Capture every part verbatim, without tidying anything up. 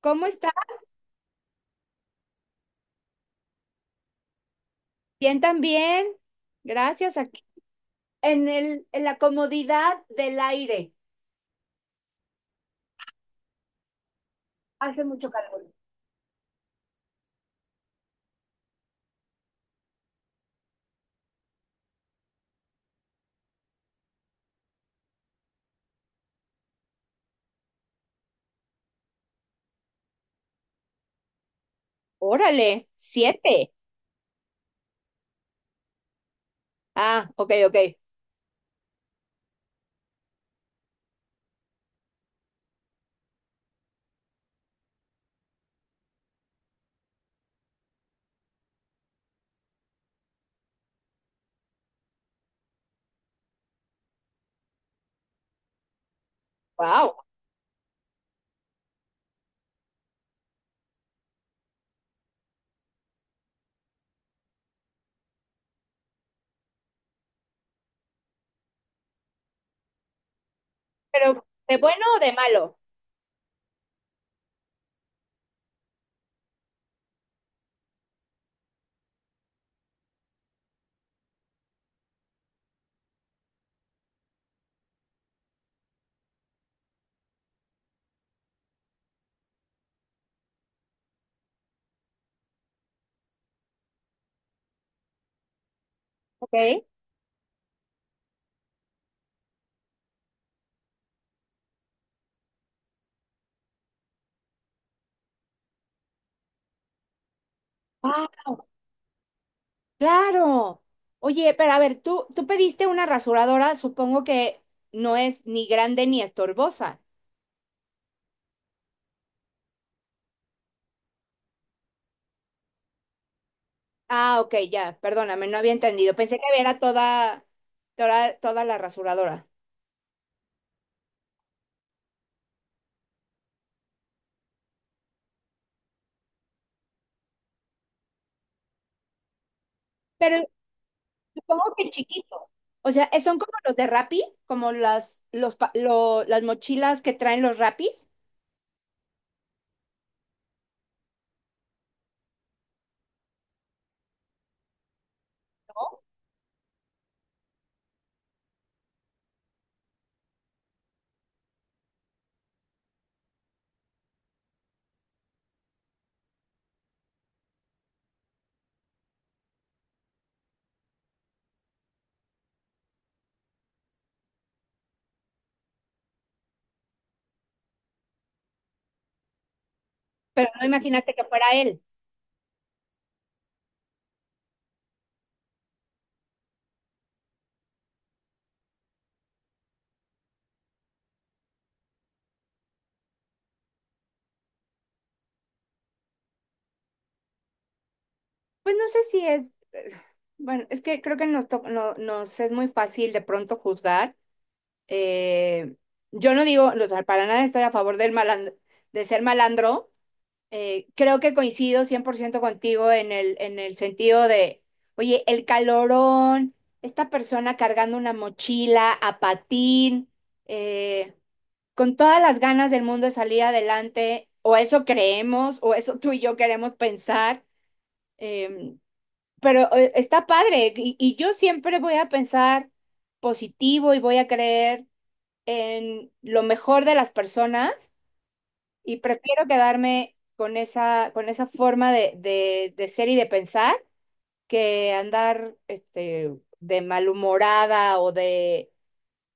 ¿Cómo está? Bien también. Gracias. Aquí en el, en la comodidad del aire. Hace mucho calor. Órale, siete. Ah, ok, ok. Wow. Pero, ¿de bueno o de malo? Ok. Wow. Claro. Oye, pero a ver, tú, tú pediste una rasuradora, supongo que no es ni grande ni estorbosa. Ah, ok, ya, perdóname, no había entendido. Pensé que era toda, toda, toda la rasuradora. Pero Supongo que chiquito. O sea, eh, son como los de Rappi, como las, los, pa- lo- las mochilas que traen los Rappis, ¿no? Pero no imaginaste que fuera él. Pues no sé si es, bueno, es que creo que nos, to- no- nos es muy fácil de pronto juzgar. Eh, yo no digo, o sea, para nada estoy a favor del malan- de ser malandro. Eh, creo que coincido cien por ciento contigo en el, en el sentido de, oye, el calorón, esta persona cargando una mochila a patín, eh, con todas las ganas del mundo de salir adelante, o eso creemos, o eso tú y yo queremos pensar, em, pero eh, está padre, y, y yo siempre voy a pensar positivo y voy a creer en lo mejor de las personas y prefiero quedarme con esa, con esa forma de, de, de ser y de pensar que andar este, de malhumorada o de,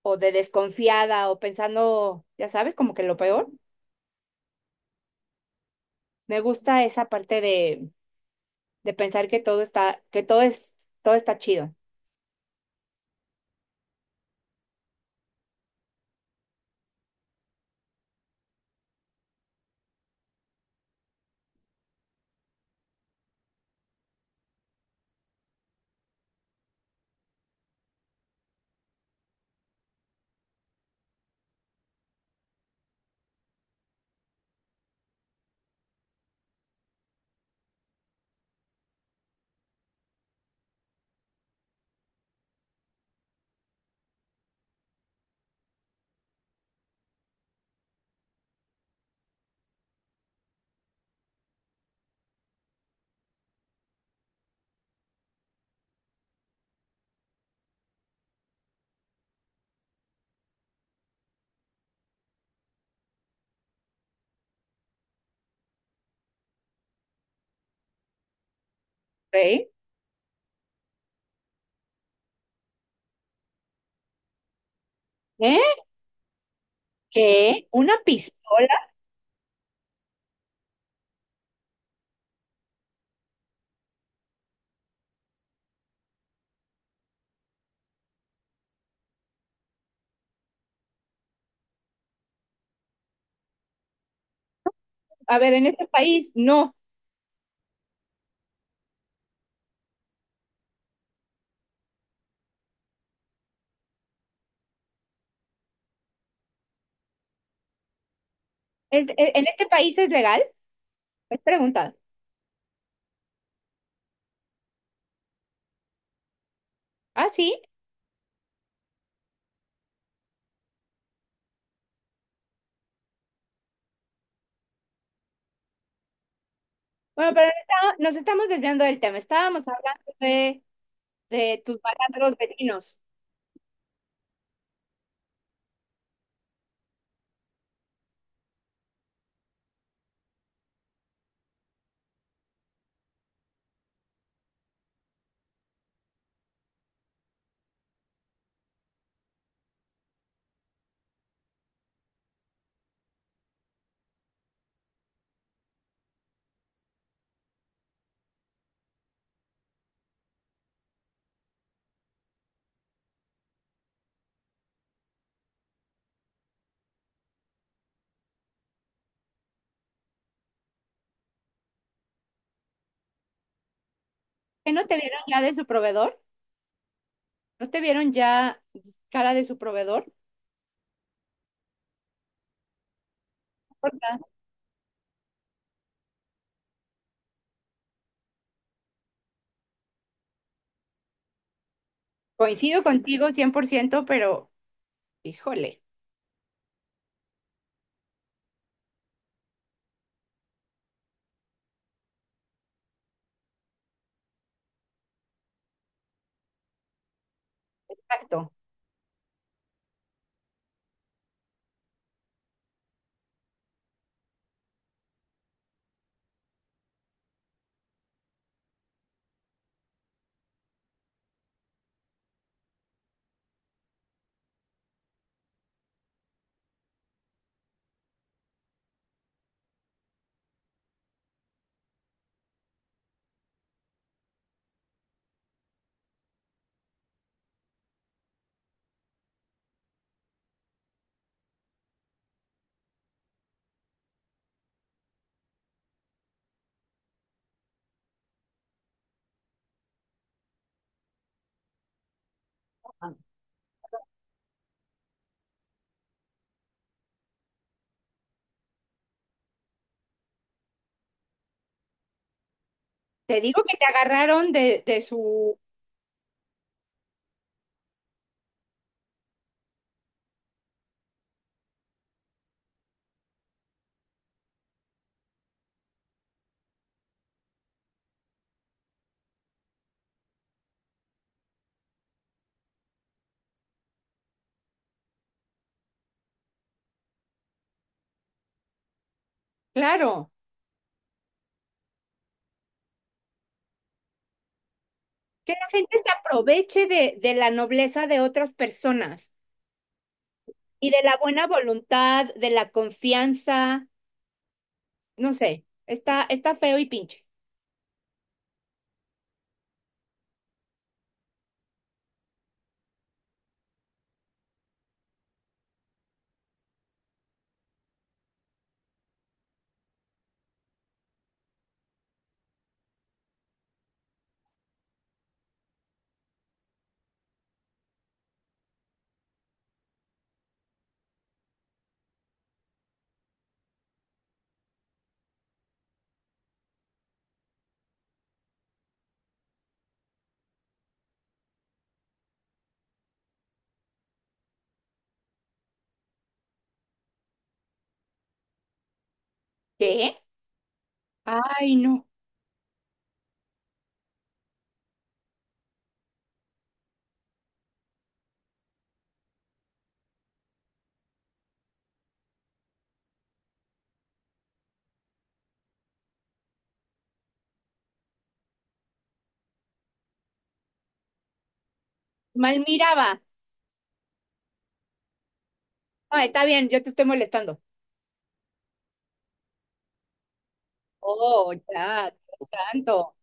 o de desconfiada o pensando, ya sabes, como que lo peor. Me gusta esa parte de, de pensar que todo está, que todo es, todo está chido. ¿Eh? ¿Eh? ¿Qué? ¿Una pistola? A ver, en este país no. Es, e- ¿en este país es legal? Es pregunta. Ah, sí. Bueno, pero está- nos estamos desviando del tema. Estábamos hablando de, de tus malandros vecinos. ¿Que no te vieron ya de su proveedor? ¿No te vieron ya cara de su proveedor? Porque Coincido contigo cien por ciento, pero híjole, exacto. Te digo que te agarraron de, de su. Claro, que la gente se aproveche de, de la nobleza de otras personas y de la buena voluntad, de la confianza, no sé, está, está feo y pinche. ¿Qué? Ay, no. Mal miraba. No, está bien, yo te estoy molestando. Oh, ya, Dios santo.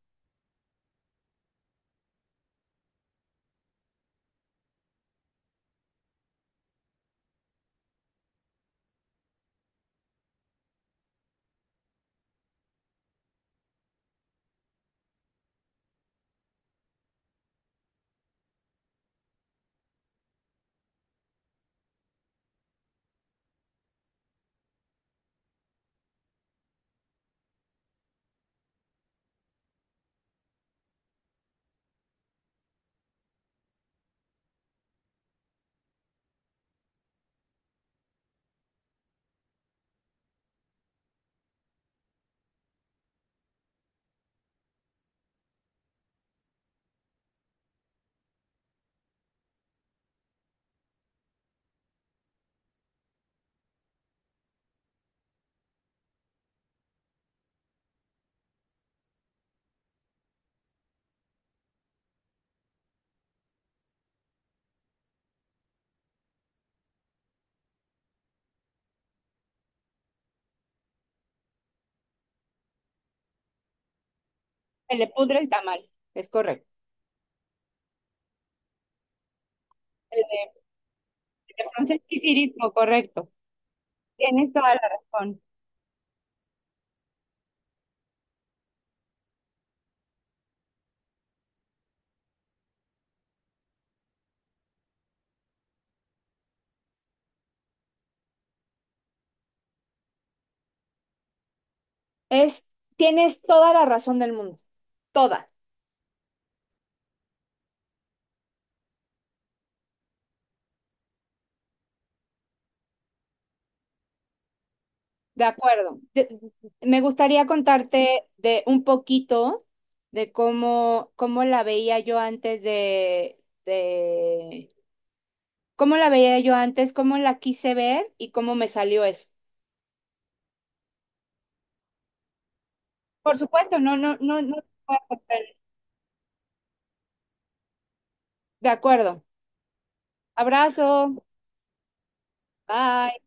Se le pudre el tamal. Es correcto. El de, el de Franceski, correcto. Tienes toda la razón. Es, Tienes toda la razón del mundo. Toda. De acuerdo. De- me gustaría contarte de un poquito de cómo, cómo la veía yo antes de, de, cómo la veía yo antes, cómo la quise ver y cómo me salió eso. Por supuesto, no, no, no, no. Te voy a cortar. De acuerdo. Abrazo. Bye.